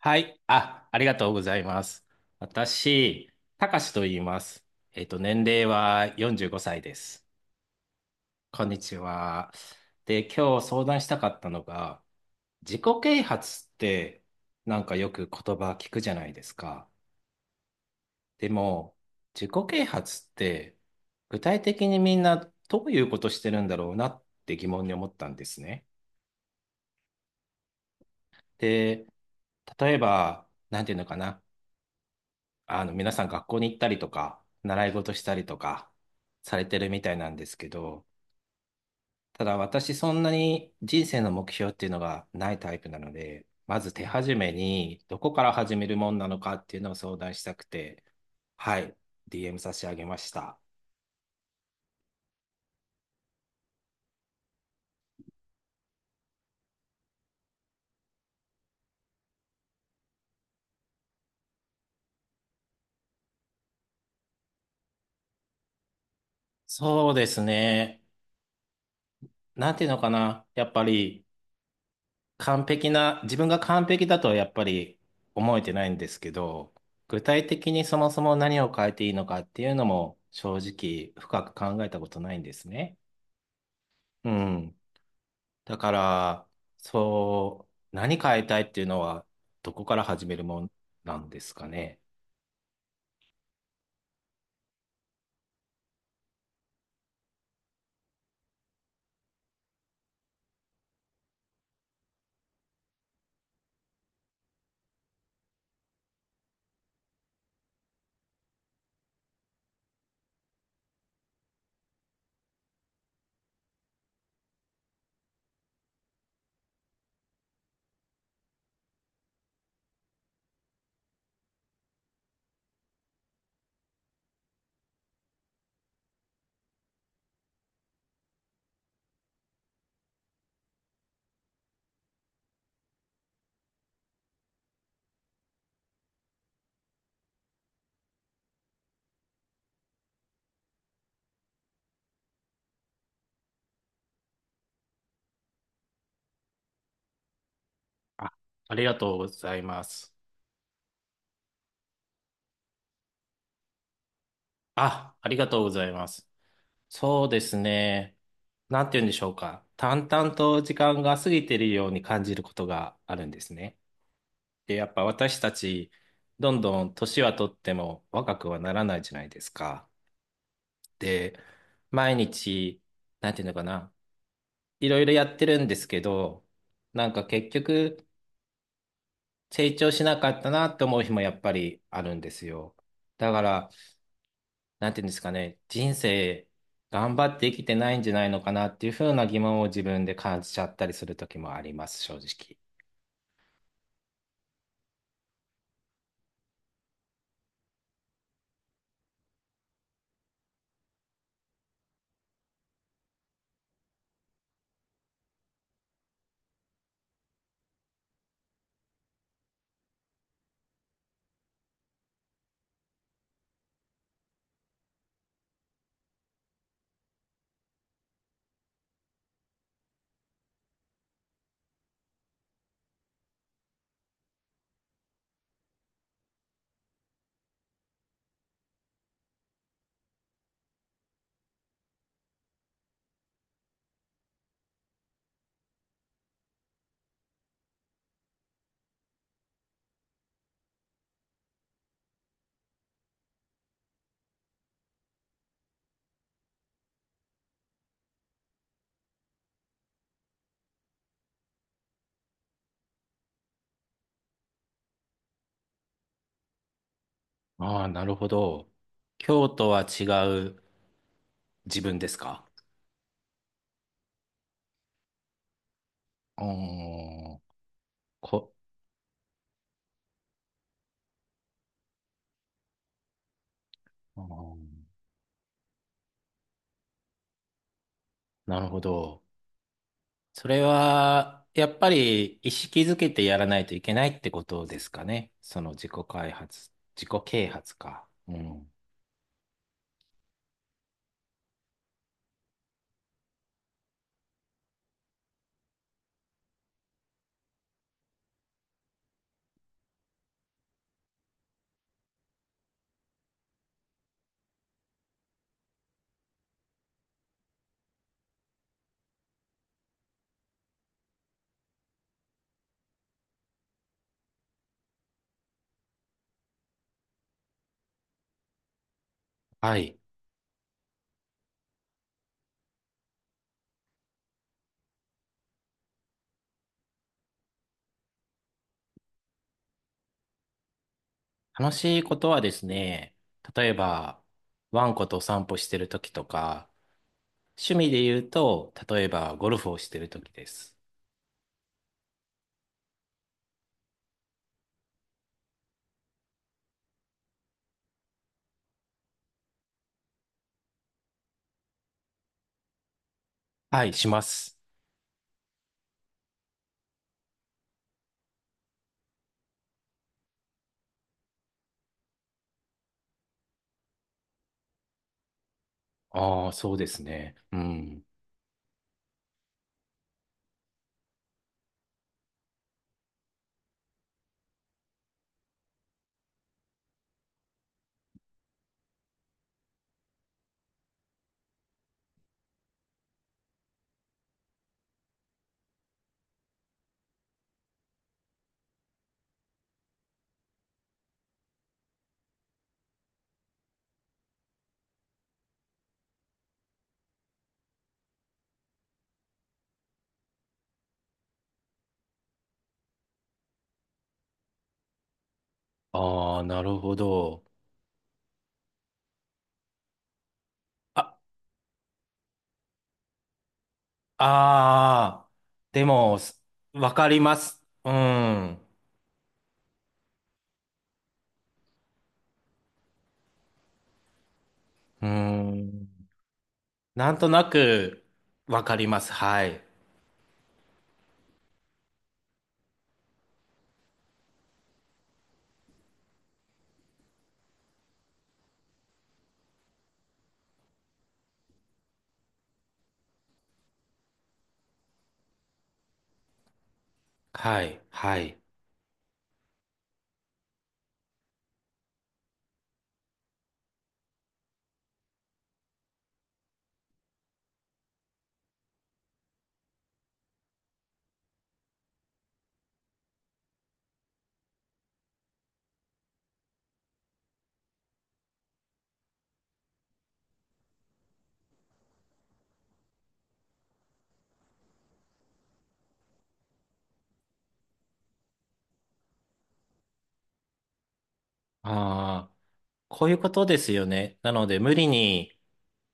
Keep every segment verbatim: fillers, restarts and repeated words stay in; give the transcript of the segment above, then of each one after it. はい。あ、ありがとうございます。私、たかしと言います。えっと、年齢はよんじゅうごさいです。こんにちは。で、今日相談したかったのが、自己啓発ってなんかよく言葉聞くじゃないですか。でも、自己啓発って具体的にみんなどういうことしてるんだろうなって疑問に思ったんですね。で、例えば、なんていうのかな。あの、皆さん学校に行ったりとか、習い事したりとか、されてるみたいなんですけど、ただ私そんなに人生の目標っていうのがないタイプなので、まず手始めにどこから始めるもんなのかっていうのを相談したくて、はい、ディーエム 差し上げました。そうですね。なんていうのかな。やっぱり完璧な、自分が完璧だとはやっぱり思えてないんですけど、具体的にそもそも何を変えていいのかっていうのも正直深く考えたことないんですね。うん。だから、そう、何変えたいっていうのはどこから始めるもんなんですかね。あ、ありがとうございます。あ、ありがとうございます。そうですね。なんて言うんでしょうか。淡々と時間が過ぎているように感じることがあるんですね。で、やっぱ私たち、どんどん年はとっても若くはならないじゃないですか。で、毎日、なんていうのかな、いろいろやってるんですけど、なんか結局、成長しなかったなって思う日もやっぱりあるんですよ。だから、なんていうんですかね、人生、頑張って生きてないんじゃないのかなっていうふうな疑問を自分で感じちゃったりする時もあります、正直。ああ、なるほど。今日とは違う自分ですか？あーこ、あー、なるほど。それは、やっぱり意識づけてやらないといけないってことですかね。その自己開発、自己啓発か。うん。はい。楽しいことはですね、例えば、ワンコとお散歩してる時とか、趣味で言うと、例えばゴルフをしてる時です。はい、します。ああ、そうですね。うん。ああ、なるほど。あああ、でも、すわかります。うん。うん。なんとなく、わかります。はい。はい。はい。ああ、こういうことですよね。なので、無理に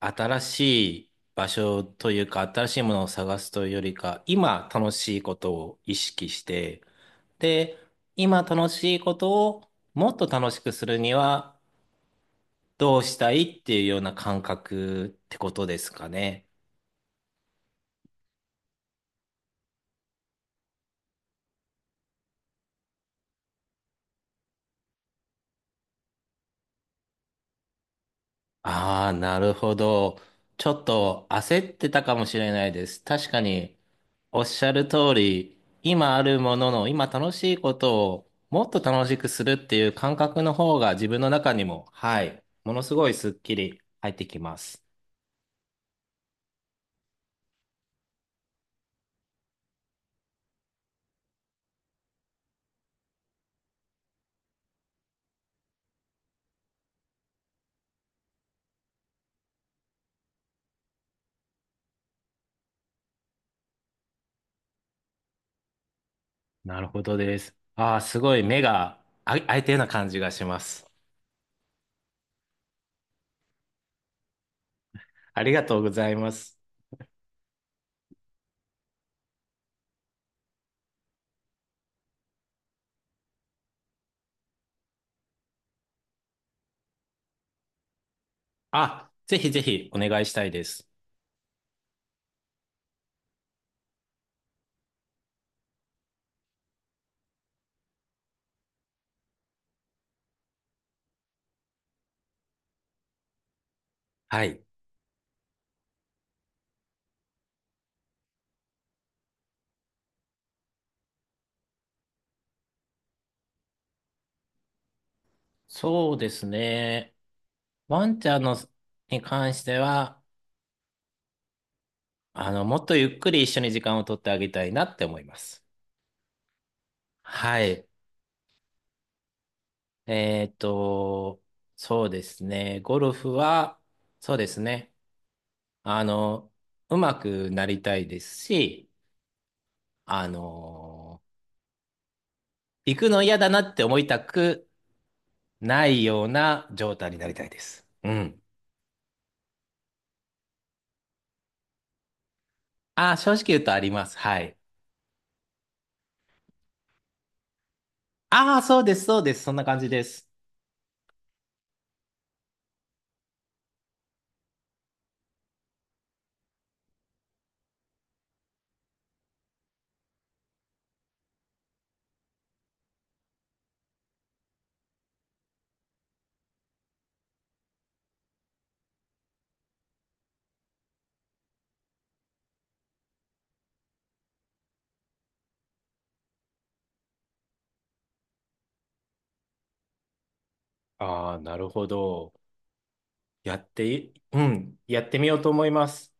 新しい場所というか、新しいものを探すというよりか、今楽しいことを意識して、で、今楽しいことをもっと楽しくするには、どうしたいっていうような感覚ってことですかね。ああ、なるほど。ちょっと焦ってたかもしれないです。確かに、おっしゃる通り、今あるものの、今楽しいことをもっと楽しくするっていう感覚の方が自分の中にも、はい、ものすごいスッキリ入ってきます。なるほどです。ああ、すごい目があ開いたような感じがします。ありがとうございます。あ、ぜひぜひお願いしたいです。はい。そうですね。ワンちゃんのに関しては、あの、もっとゆっくり一緒に時間を取ってあげたいなって思います。はい。えっと、そうですね。ゴルフは、そうですね。あの、うまくなりたいですし、あの、行くの嫌だなって思いたくないような状態になりたいです。うん。ああ、正直言うとあります。はい。ああ、そうです、そうです。そんな感じです。ああ、なるほど。やってい、うん。やってみようと思います。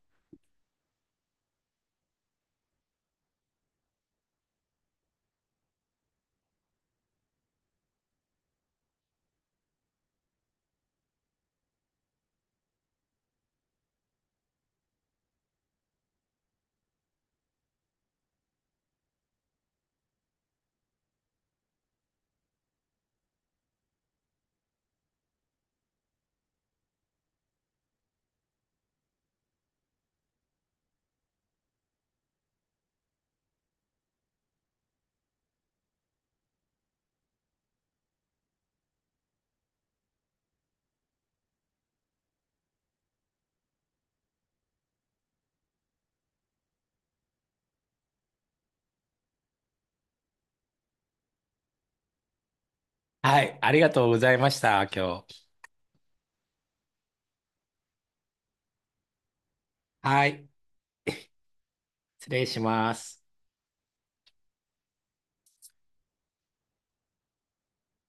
はい。ありがとうございました、今日。はい。失礼します。